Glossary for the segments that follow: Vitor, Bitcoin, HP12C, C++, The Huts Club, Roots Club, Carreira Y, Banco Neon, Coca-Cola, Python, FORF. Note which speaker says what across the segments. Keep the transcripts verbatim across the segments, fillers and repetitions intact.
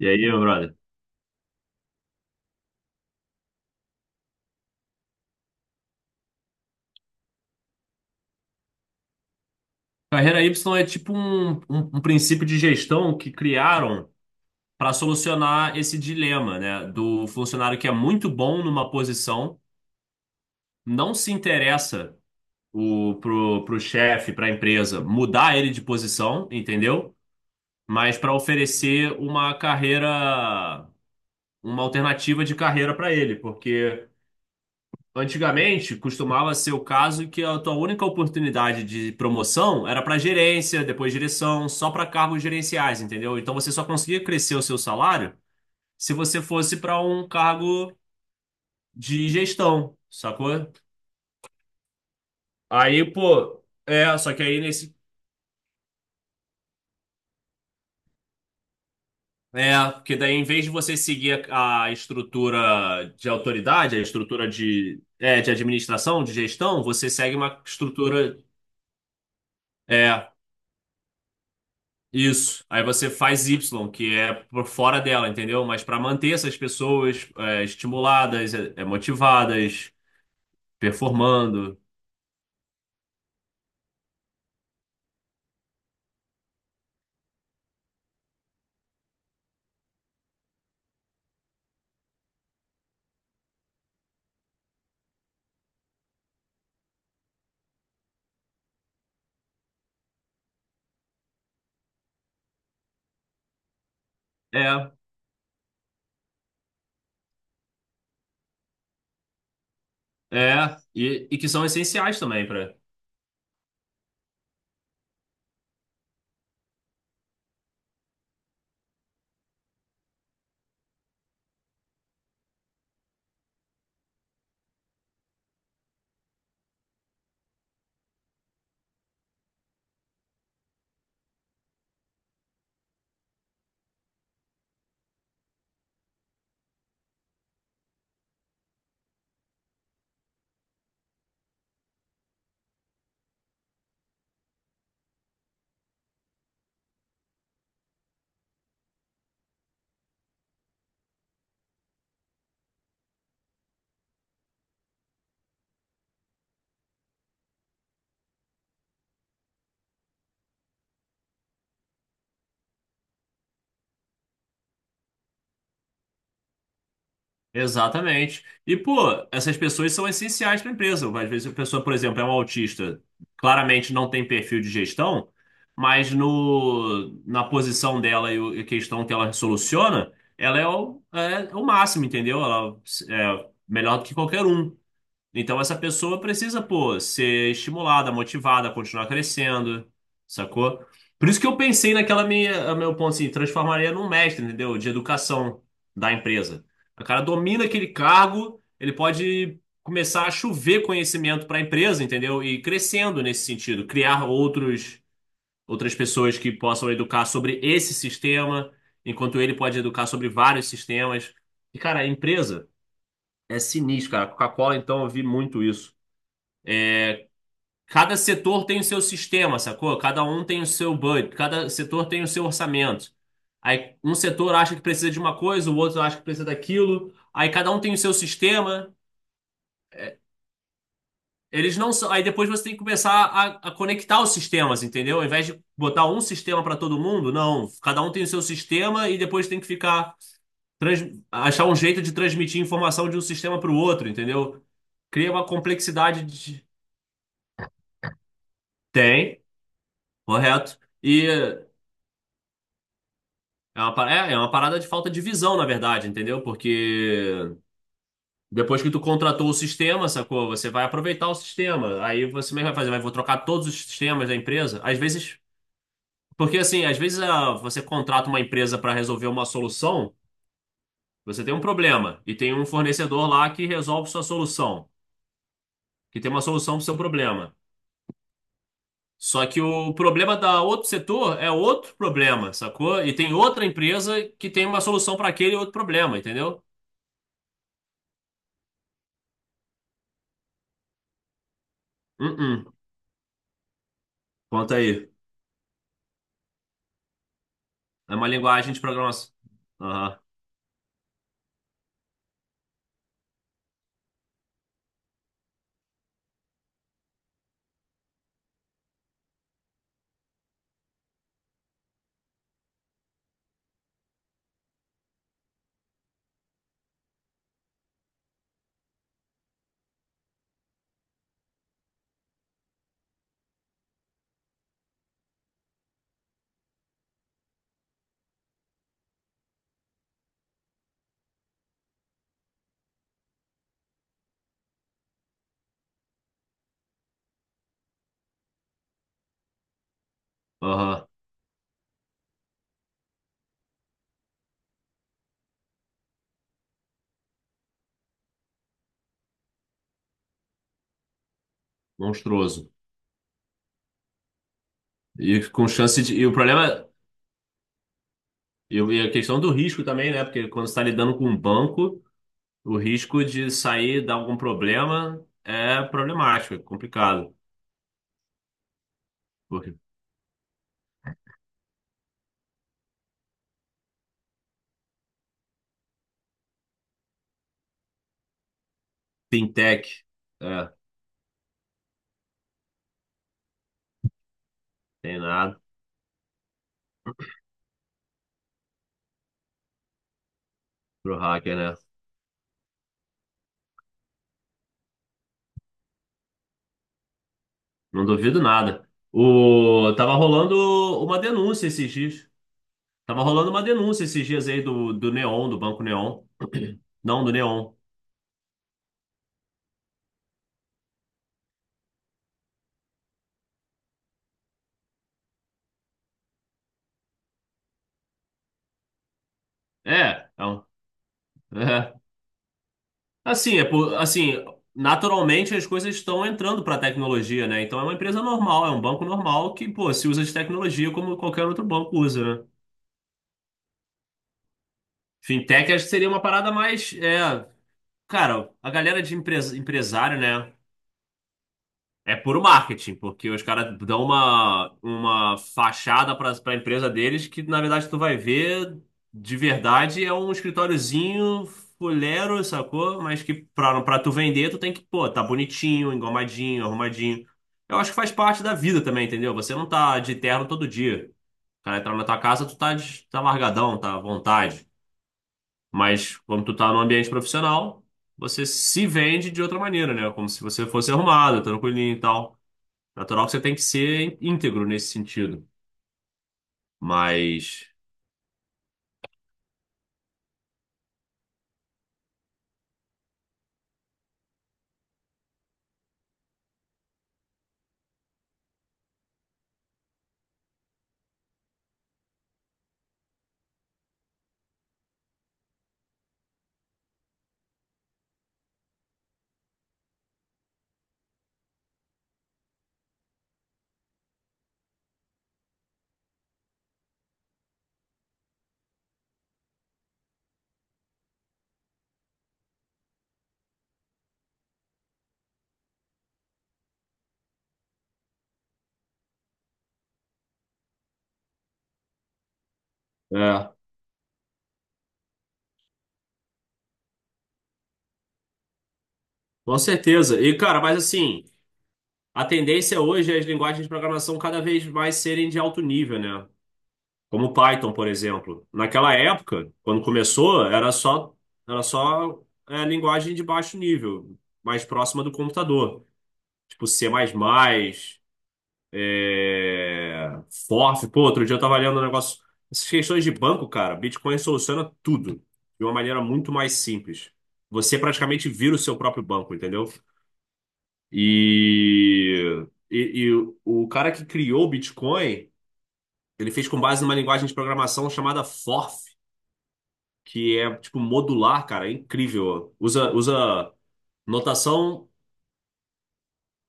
Speaker 1: E aí, meu brother? Carreira Y é tipo um, um, um princípio de gestão que criaram para solucionar esse dilema, né? Do funcionário que é muito bom numa posição, não se interessa o, pro, pro chefe, para a empresa, mudar ele de posição, entendeu? Mas para oferecer uma carreira, uma alternativa de carreira para ele, porque. Antigamente, costumava ser o caso que a tua única oportunidade de promoção era para gerência, depois direção, só para cargos gerenciais, entendeu? Então você só conseguia crescer o seu salário se você fosse para um cargo de gestão, sacou? Aí, pô, é, só que aí nesse. É, porque daí em vez de você seguir a, a estrutura de autoridade, a estrutura de, é, de administração, de gestão, você segue uma estrutura. É. Isso. Aí você faz Y, que é por fora dela, entendeu? Mas para manter essas pessoas é, estimuladas, é, é, motivadas, performando. É, é. E, e que são essenciais também para. Exatamente. E, pô, essas pessoas são essenciais para a empresa. Às vezes a pessoa, por exemplo, é um autista, claramente não tem perfil de gestão, mas no, na posição dela e o- e a questão que ela soluciona, ela é o, é o máximo, entendeu? Ela é melhor do que qualquer um. Então essa pessoa precisa, pô, ser estimulada, motivada, continuar crescendo, sacou? Por isso que eu pensei naquela minha, a meu ponto assim, transformaria num mestre, entendeu? De educação da empresa. O cara domina aquele cargo, ele pode começar a chover conhecimento para a empresa, entendeu? E ir crescendo nesse sentido, criar outros outras pessoas que possam educar sobre esse sistema, enquanto ele pode educar sobre vários sistemas. E cara, a empresa é sinistro, cara. A Coca-Cola, então, eu vi muito isso. Cada setor tem o seu sistema, sacou? Cada um tem o seu budget, cada setor tem o seu orçamento. Aí um setor acha que precisa de uma coisa, o outro acha que precisa daquilo. Aí cada um tem o seu sistema. Eles não são... Aí depois você tem que começar a, a conectar os sistemas, entendeu? Ao invés de botar um sistema para todo mundo, não. Cada um tem o seu sistema e depois tem que ficar trans... achar um jeito de transmitir informação de um sistema para o outro, entendeu? Cria uma complexidade de... Tem, correto. E É uma, pa- é, é uma parada de falta de visão, na verdade, entendeu? Porque depois que tu contratou o sistema, sacou? Você vai aproveitar o sistema. Aí você mesmo vai fazer, vai, vou trocar todos os sistemas da empresa. Às vezes, porque assim, às vezes ah, você contrata uma empresa para resolver uma solução, você tem um problema e tem um fornecedor lá que resolve sua solução, que tem uma solução para o seu problema. Só que o problema da outro setor é outro problema, sacou? E tem outra empresa que tem uma solução para aquele outro problema, entendeu? Uh-uh. Conta aí. É uma linguagem de programação. Aham, aham, monstruoso. E com chance de. E o problema. E o- e a questão do risco também, né? Porque quando você está lidando com um banco, o risco de sair, dar algum problema é problemático, é complicado. Porque fintech, é, tem nada pro hacker, né? Não duvido nada. O, tava rolando uma denúncia esses dias. Tava rolando uma denúncia esses dias aí do, do Neon, do Banco Neon. Não, do Neon. É, é, um- Assim, é por, assim, naturalmente as coisas estão entrando para a tecnologia, né? Então é uma empresa normal, é um banco normal que, pô, se usa de tecnologia como qualquer outro banco usa, né? Fintech acho que seria uma parada mais, é, cara, a galera de empresa, empresário, né? É puro marketing, porque os caras dão uma, uma fachada para a empresa deles que, na verdade, tu vai ver de verdade é um escritóriozinho fuleiro, sacou? Mas que pra, pra tu vender, tu tem que, pô, tá bonitinho, engomadinho, arrumadinho. Eu acho que faz parte da vida também, entendeu? Você não tá de terno todo dia. O cara entra na tua casa, tu tá, de- tá largadão, tá à vontade. Mas quando tu tá no ambiente profissional, você se vende de outra maneira, né? Como se você fosse arrumado, tranquilinho e tal. Natural que você tem que ser íntegro nesse sentido. Mas, é, com certeza. E, cara, mas assim, a tendência hoje é as linguagens de programação cada vez mais serem de alto nível, né? Como Python, por exemplo. Naquela época, quando começou, era só, era só é, linguagem de baixo nível, mais próxima do computador. Tipo C++, É... F O F, pô, outro dia eu tava lendo um negócio. Essas questões de banco, cara, Bitcoin soluciona tudo de uma maneira muito mais simples. Você praticamente vira o seu próprio banco, entendeu? E, e, e o o cara que criou o Bitcoin, ele fez com base numa linguagem de programação chamada F O R F, que é tipo modular, cara, é incrível. Usa, usa notação.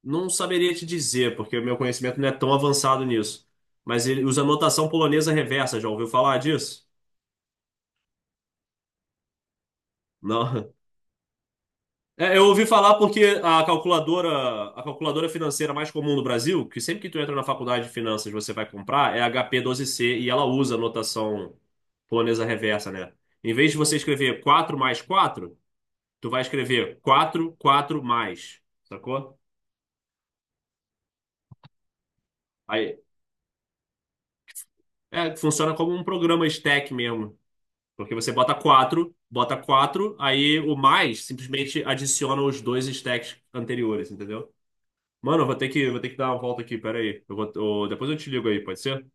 Speaker 1: Não saberia te dizer, porque o meu conhecimento não é tão avançado nisso. Mas ele usa notação polonesa reversa, já ouviu falar disso? Não. É, eu ouvi falar porque a calculadora, a calculadora financeira mais comum no Brasil, que sempre que tu entra na faculdade de finanças você vai comprar, é a H P doze C e ela usa notação polonesa reversa, né? Em vez de você escrever quatro mais quatro, tu vai escrever quatro, quatro mais, sacou? Aí, é, funciona como um programa stack mesmo. Porque você bota quatro bota quatro aí o mais simplesmente adiciona os dois stacks anteriores, entendeu? Mano, eu vou ter que, vou ter que dar uma volta aqui, pera aí. Eu vou, eu- depois eu te ligo aí, pode ser?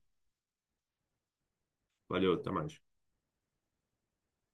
Speaker 1: Valeu, até mais.